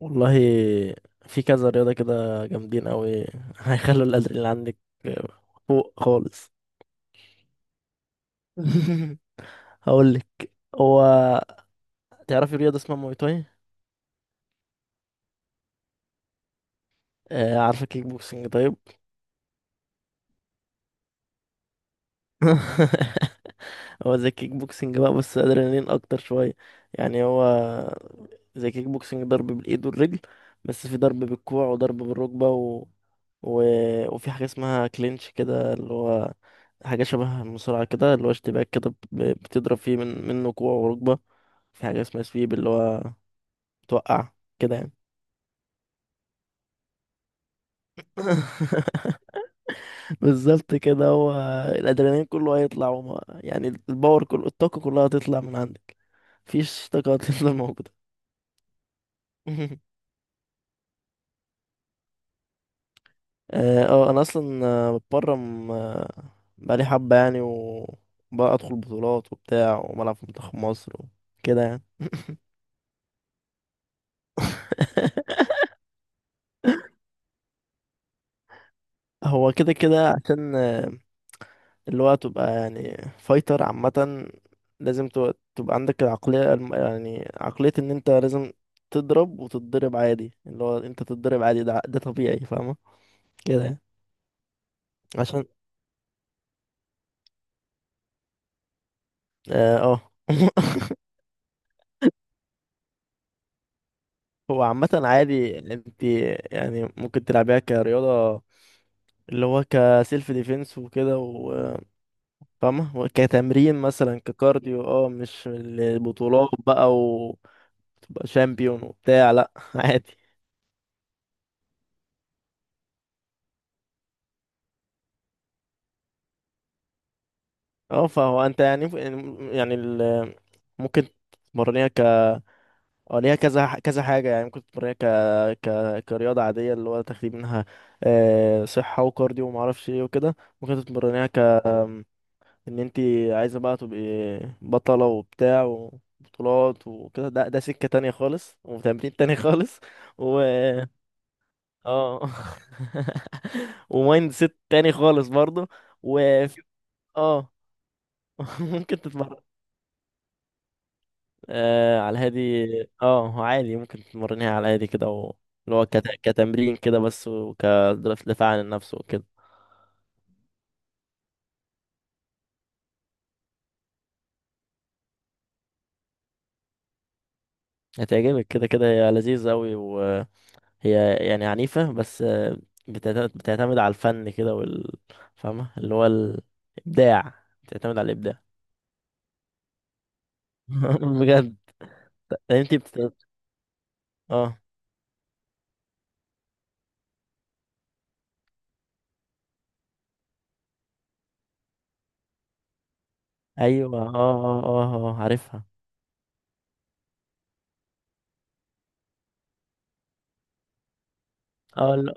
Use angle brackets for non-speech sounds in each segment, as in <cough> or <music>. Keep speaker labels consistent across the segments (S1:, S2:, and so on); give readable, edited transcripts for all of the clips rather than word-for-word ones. S1: والله، في كذا رياضة كده جامدين أوي <laughs> هيخلوا الأدرينالين عندك فوق خالص. <laughs> هقولك. هو تعرفي رياضة اسمها موي تاي؟ عارفة كيك بوكسنج؟ طيب. <laughs> هو زي كيك بوكسنج بقى، بس أدرينالين أكتر شوية. يعني هو زي كيك بوكسنج، ضرب بالإيد والرجل، بس في ضرب بالكوع وضرب بالركبة. و... وفي حاجة اسمها كلينش كده، اللي هو حاجة شبه المصارعة كده، اللي هو اشتباك كده بتضرب فيه منه كوع وركبة. في حاجة اسمها سويب، اللي هو توقع كده يعني. <laughs> بالظبط كده. هو الأدرينالين كله هيطلع، وما يعني، الباور كله، الطاقة كلها هتطلع من عندك. مفيش طاقة هتفضل موجودة. <laughs> أنا أصلا بتمرن بقالي حبة يعني، وبقى أدخل بطولات وبتاع، وملعب في منتخب مصر وكده يعني. <laughs> هو كده كده عشان اللي هو تبقى يعني فايتر عامة، لازم تبقى عندك العقلية يعني عقلية ان انت لازم تضرب وتتضرب عادي. اللي هو انت تتضرب عادي، ده طبيعي. فاهمة كده يعني. عشان. اه آه. <laughs> هو عامة عادي، انت يعني ممكن تلعبيها كرياضة، اللي هو كسيلف ديفense وكده فاهمة، وكتمرين مثلا ككارديو، مش البطولات بقى وتبقى شامبيون وبتاع، لا <laughs> عادي. اه فهو انت يعني ممكن تمرنيها ك اه ليها كذا كذا حاجة يعني. ممكن تمرنيها كرياضة عادية، اللي هو تاخدي منها صحة وكارديو ومعرفش ايه وكده. ممكن تتمرنيها ان انتي عايزة بقى تبقي بطلة وبتاع وبطولات وكده، ده سكة تانية خالص وتمرين تاني خالص، و اه <laughs> ومايند سيت تاني خالص برضه. وفي اه <laughs> ممكن تتمرن. على الهادي. اه هو عادي ممكن تمرنيها على الهادي كده، اللي هو كتمرين كده بس، وكدفاع عن النفس وكده. هتعجبك كده كده، هي لذيذة أوي، وهي يعني عنيفة بس، بتعتمد على الفن كده فاهمة، اللي هو الإبداع، بتعتمد على الإبداع. <laughs> بجد. انتي بت... اه ايوه، عارفها. اه، اللي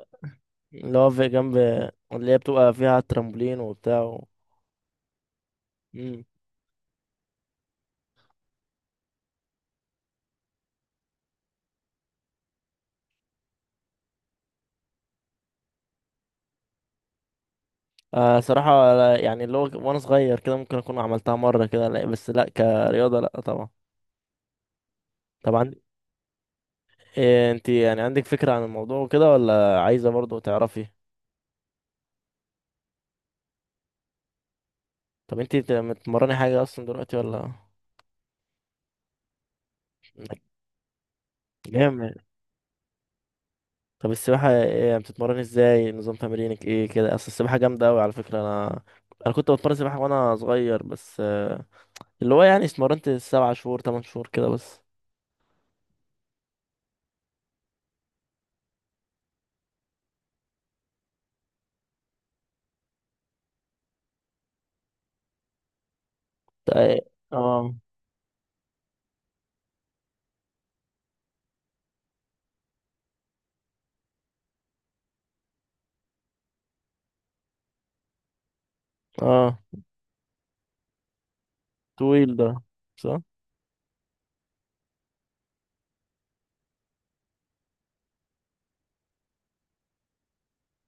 S1: اللي هو في جنب، اللي هي بتبقى فيها ترامبولين وبتاع. و... آه صراحة، يعني اللي هو وانا صغير كده ممكن اكون عملتها مرة كده، لا، بس لا كرياضة، لا طبعا. طبعا. إيه، انت يعني عندك فكرة عن الموضوع وكده ولا عايزة برضو تعرفي؟ طب انت بتتمرني حاجة اصلا دلوقتي ولا؟ جامد. طب السباحة ايه يعني؟ بتتمرني ازاي؟ نظام تمرينك ايه كده؟ اصل السباحة جامدة اوي على فكرة. انا كنت بتمرن سباحة وانا صغير، بس اللي هو يعني اتمرنت 7 شهور 8 شهور كده بس. اه، اه، طويل ده. صح.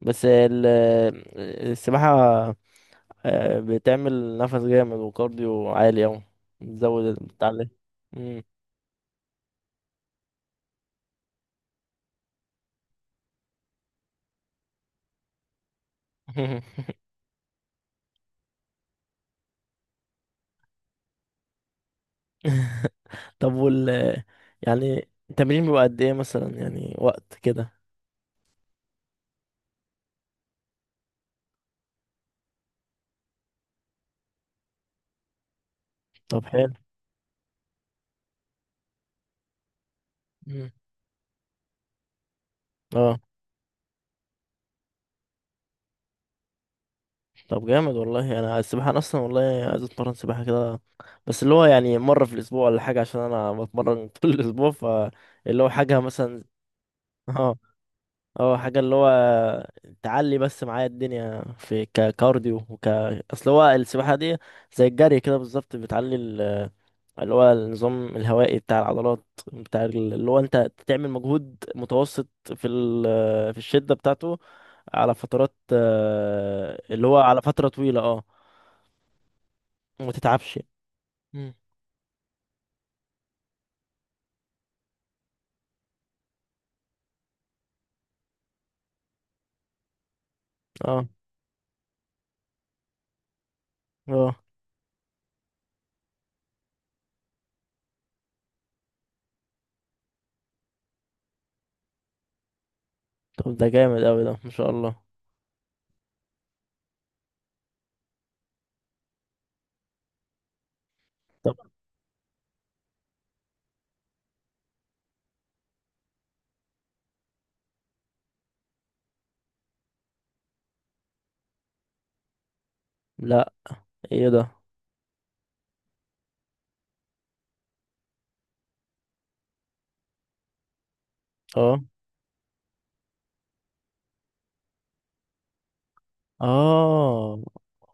S1: بس السباحة بتعمل نفس جامد وكارديو عالي أوي، بتزود بتاع مم. <laughs> طب يعني التمرين بيبقى قد ايه مثلا يعني، وقت كده؟ طب حلو. مم. اه. طب جامد والله. انا السباحة، انا اصلا والله عايز اتمرن سباحة كده، بس اللي هو يعني مرة في الاسبوع ولا حاجة، عشان انا بتمرن <laughs> طول الاسبوع، فاللي هو حاجة مثلا. <laughs> اه، حاجة اللي هو تعلي بس معايا الدنيا في ككارديو اصل هو السباحة دي زي الجري كده بالظبط، بتعلي اللي هو النظام الهوائي بتاع العضلات، بتاع اللي هو انت تعمل مجهود متوسط في في الشدة بتاعته، على فترات اللي هو على فترة طويلة. اه. وما تتعبش. مم. اه، اه، طب ده جامد اوي، ده ما شاء الله. طب. لا، ايه ده؟ اه، اه،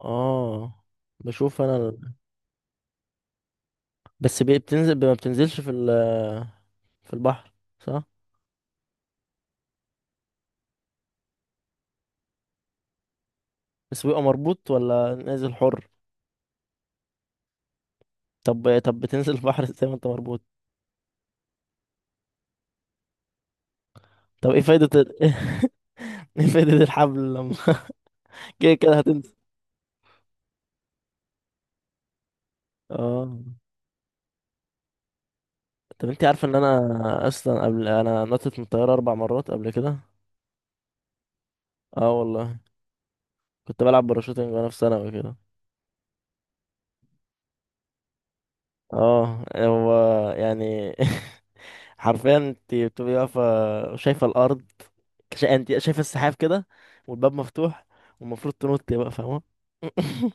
S1: اه، بشوف انا. بس بتنزل، ما بتنزلش في في البحر؟ صح. بس بيبقى مربوط ولا نازل حر؟ طب، بتنزل البحر <laughs> ازاي ما انت مربوط؟ طب ايه فايدة <laughs> ايه فايدة الحبل لما <laughs> كده كده هتنزل؟ اه. طب انت عارفه ان انا اصلا قبل، نطت من الطيارة 4 مرات قبل كده. اه والله. كنت بلعب باراشوتنج وانا في ثانوي كده. اه هو يعني <laughs> حرفيا انت بتبقي واقفة، شايفة الأرض، انت شايفة السحاب كده، والباب مفتوح، والمفروض تنطي بقى، فاهمة؟ <laughs>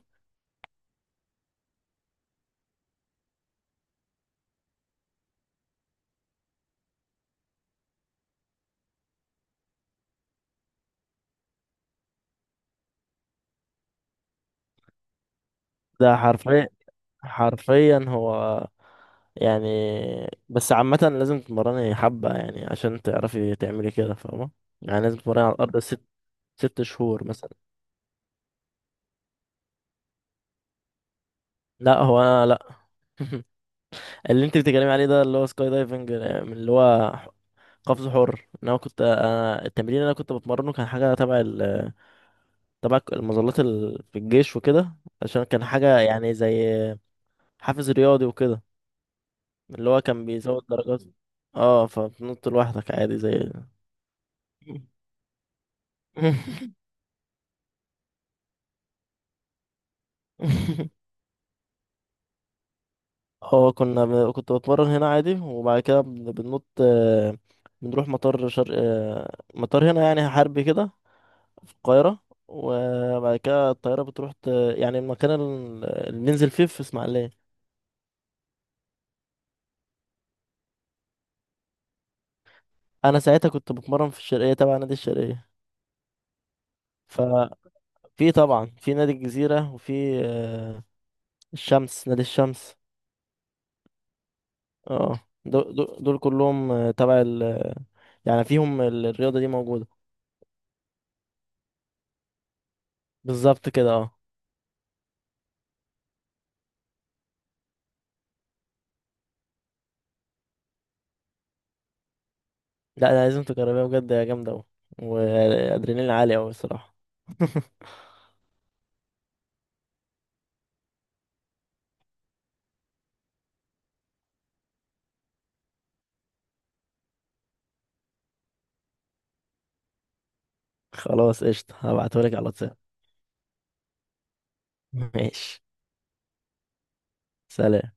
S1: ده حرفيا، حرفيا هو يعني. بس عامة لازم تتمرني حبة يعني عشان تعرفي تعملي كده، فاهمة؟ يعني لازم تتمرني على الأرض ست شهور مثلا. لا، هو أنا لا. <laughs> اللي انت بتتكلمي عليه ده اللي هو سكاي دايفنج، من اللي هو قفز حر. ان انا التمرين اللي انا كنت بتمرنه كان حاجة تبع المظلات في الجيش وكده، عشان كان حاجة يعني زي حافز رياضي وكده، اللي هو كان بيزود درجات. اه. فبتنط لوحدك عادي زي. <laughs> اه كنت بتمرن هنا عادي، وبعد كده بننط بنروح مطار شرق، مطار هنا يعني، حربي كده. في القاهرة. وبعد كده الطيارة بتروح يعني المكان اللي بننزل فيه في اسماعيلية. أنا ساعتها كنت بتمرن في الشرقية تبع نادي الشرقية. ف في طبعا في نادي الجزيرة، وفي الشمس، نادي الشمس. اه، دول كلهم تبع يعني فيهم الرياضة دي موجودة. بالظبط كده. اه. لا انا لازم تجربيها بجد، يا جامدة اوي، وادرينالين عالي اوي الصراحة. <laughs> خلاص قشطة، هبعتهولك على الواتساب. ماشي. سلام.